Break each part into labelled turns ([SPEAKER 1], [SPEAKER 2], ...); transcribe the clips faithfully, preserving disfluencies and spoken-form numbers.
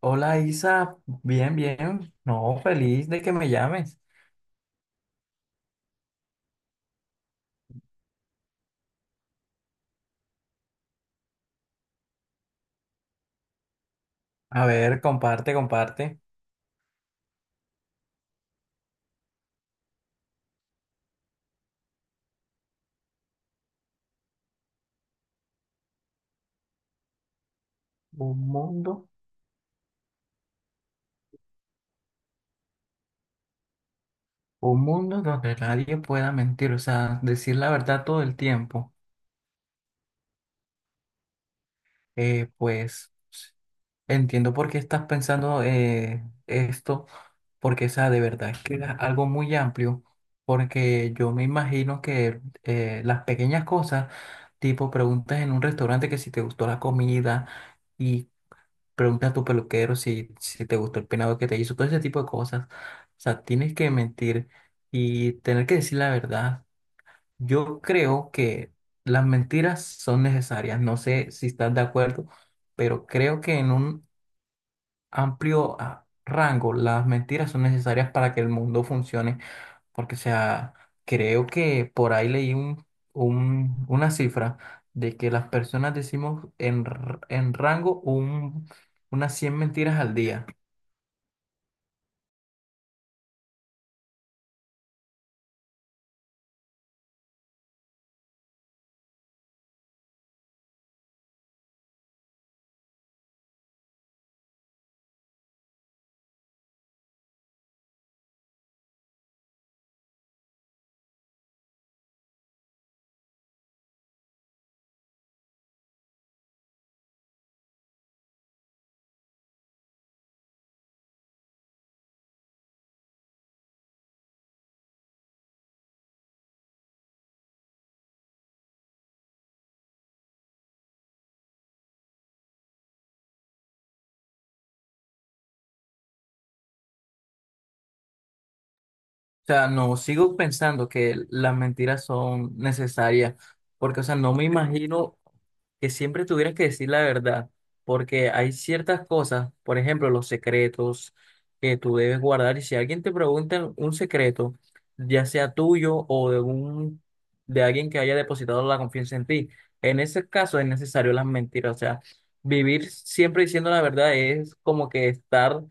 [SPEAKER 1] Hola Isa, bien, bien. No, feliz de que me llames. A ver, comparte, comparte. Un mundo, un mundo donde nadie pueda mentir, o sea, decir la verdad todo el tiempo. Eh, pues entiendo por qué estás pensando eh, esto, porque, o sea, de verdad que es algo muy amplio, porque yo me imagino que eh, las pequeñas cosas, tipo preguntas en un restaurante que si te gustó la comida. Pregunta a tu peluquero si, si te gustó el peinado que te hizo, todo ese tipo de cosas. O sea, tienes que mentir y tener que decir la verdad. Yo creo que las mentiras son necesarias. No sé si estás de acuerdo, pero creo que en un amplio ah, rango las mentiras son necesarias para que el mundo funcione porque, o sea, creo que por ahí leí un, un- una cifra de que las personas decimos en, r- en rango un, unas cien mentiras al día. O sea, no, sigo pensando que las mentiras son necesarias, porque, o sea, no me imagino que siempre tuvieras que decir la verdad, porque hay ciertas cosas, por ejemplo, los secretos que tú debes guardar, y si alguien te pregunta un secreto, ya sea tuyo o de un, de alguien que haya depositado la confianza en ti, en ese caso es necesario las mentiras, o sea, vivir siempre diciendo la verdad es como que estar,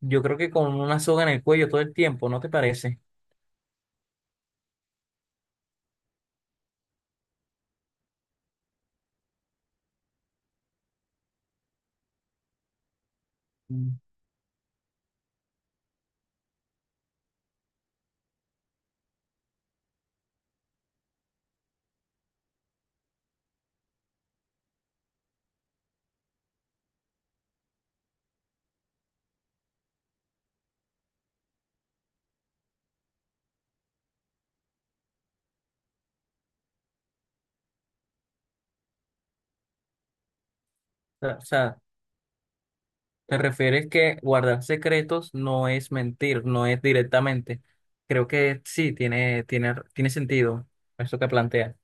[SPEAKER 1] yo creo que con una soga en el cuello todo el tiempo, ¿no te parece? Mm. O sea, o sea, Te refieres que guardar secretos no es mentir, no es directamente. Creo que sí, tiene, tiene, tiene sentido eso que plantea.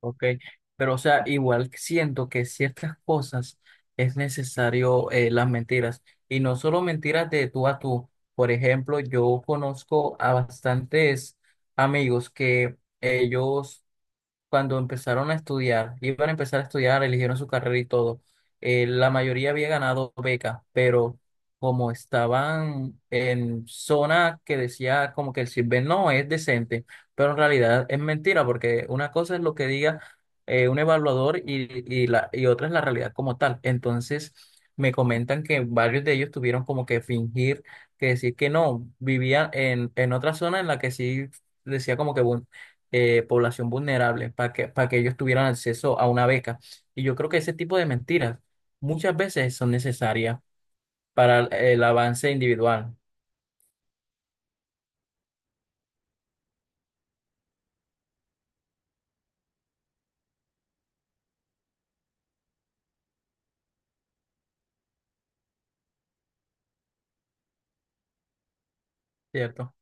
[SPEAKER 1] Ok. Pero, o sea, igual siento que ciertas cosas es necesario eh, las mentiras. Y no solo mentiras de tú a tú. Por ejemplo, yo conozco a bastantes amigos que ellos cuando empezaron a estudiar, iban a empezar a estudiar, eligieron su carrera y todo, eh, la mayoría había ganado beca, pero como estaban en zona que decía como que el CISBEN no es decente, pero en realidad es mentira, porque una cosa es lo que diga eh, un evaluador y, y, la, y otra es la realidad como tal. Entonces, me comentan que varios de ellos tuvieron como que fingir, que decir que no, vivían en, en otra zona en la que sí decía como que eh, población vulnerable, para que, para que ellos tuvieran acceso a una beca. Y yo creo que ese tipo de mentiras muchas veces son necesarias para el, el avance individual, ¿cierto?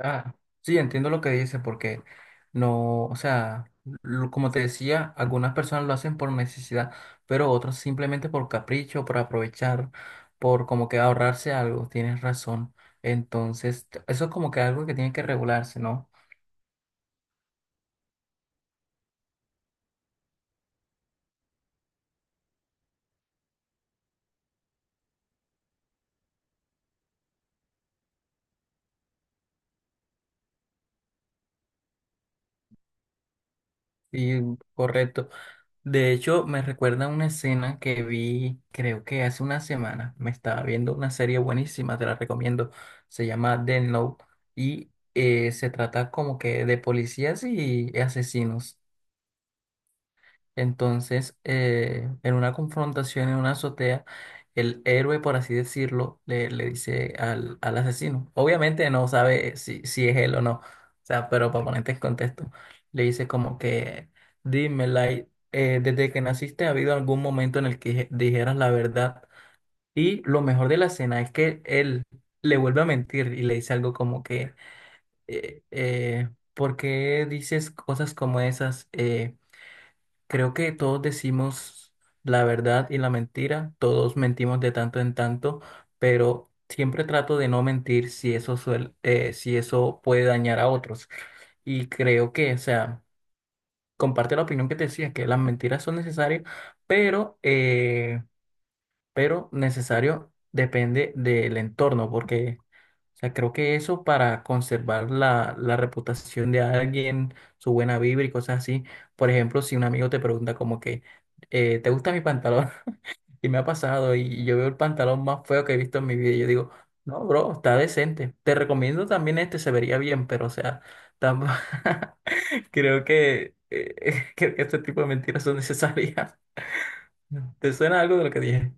[SPEAKER 1] Ah, sí, entiendo lo que dice, porque no, o sea, lo- como te decía, algunas personas lo hacen por necesidad, pero otros simplemente por capricho, por aprovechar, por como que ahorrarse algo, tienes razón. Entonces, t- eso es como que algo que tiene que regularse, ¿no? Y correcto. De hecho, me recuerda una escena que vi, creo que hace una semana. Me estaba viendo una serie buenísima, te la recomiendo. Se llama Death Note y eh, se trata como que de policías y asesinos. Entonces, eh, en una confrontación en una azotea, el héroe, por así decirlo, le, le dice al, al asesino. Obviamente no sabe eh, si, si es él o no, o sea, pero para ponerte en contexto, le dice como que, dime, Light, eh, desde que naciste ha habido algún momento en el que dije- dijeras la verdad. Y lo mejor de la escena es que él le vuelve a mentir y le dice algo como que, eh, eh, ¿por qué dices cosas como esas? Eh, Creo que todos decimos la verdad y la mentira, todos mentimos de tanto en tanto, pero siempre trato de no mentir si eso suel- eh, si eso puede dañar a otros. Y creo que, o sea, comparte la opinión que te decía, que las mentiras son necesarias, pero, eh, pero necesario depende del entorno, porque o sea, creo que eso para conservar la, la reputación de alguien, su buena vibra y cosas así. Por ejemplo, si un amigo te pregunta como que, eh, ¿te gusta mi pantalón? Y me ha pasado y, y yo veo el pantalón más feo que he visto en mi vida y yo digo, no, bro, está decente. Te recomiendo también este, se vería bien, pero o sea, tampoco... creo que, eh, creo que este tipo de mentiras son necesarias. ¿Te suena algo de lo que dije?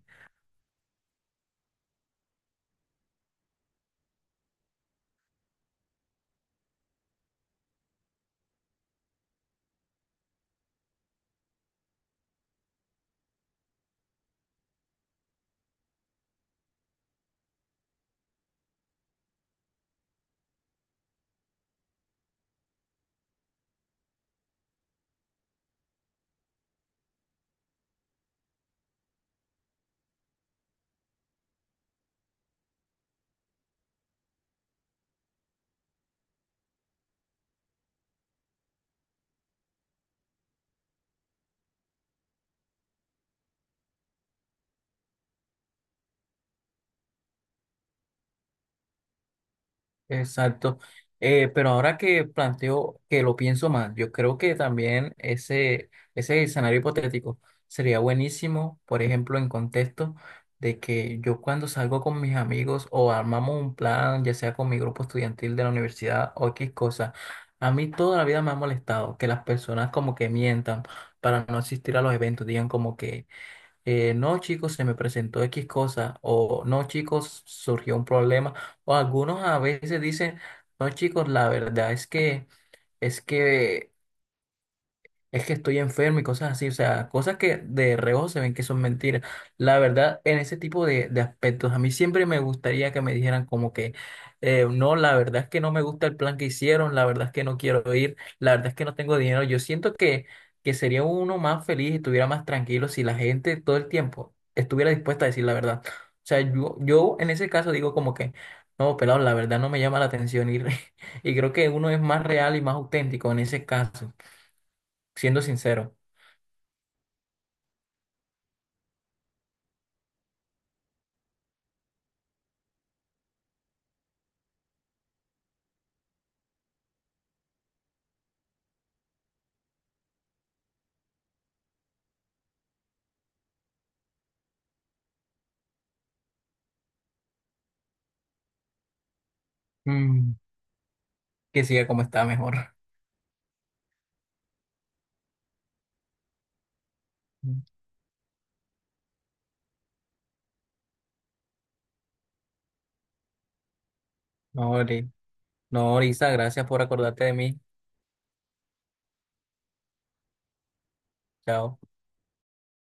[SPEAKER 1] Exacto. Eh, pero ahora que planteo, que lo pienso más, yo creo que también ese, ese escenario hipotético sería buenísimo, por ejemplo, en contexto de que yo cuando salgo con mis amigos o armamos un plan, ya sea con mi grupo estudiantil de la universidad o X cosa, a mí toda la vida me ha molestado que las personas como que mientan para no asistir a los eventos, digan como que eh, no chicos, se me presentó X cosa, o no chicos, surgió un problema, o algunos a veces dicen, no chicos, la verdad es que, es que es que estoy enfermo y cosas así, o sea, cosas que de reojo se ven que son mentiras. La verdad, en ese tipo de, de aspectos, a mí siempre me gustaría que me dijeran como que, eh, no, la verdad es que no me gusta el plan que hicieron, la verdad es que no quiero ir, la verdad es que no tengo dinero. Yo siento que, que sería uno más feliz y estuviera más tranquilo si la gente todo el tiempo estuviera dispuesta a decir la verdad. O sea, yo, yo en ese caso digo como que, no, pelado, la verdad no me llama la atención ir, y y creo que uno es más real y más auténtico en ese caso, siendo sincero. Mm, que siga como está mejor. No, Ori- no, Orisa, gracias por acordarte de mí. Chao.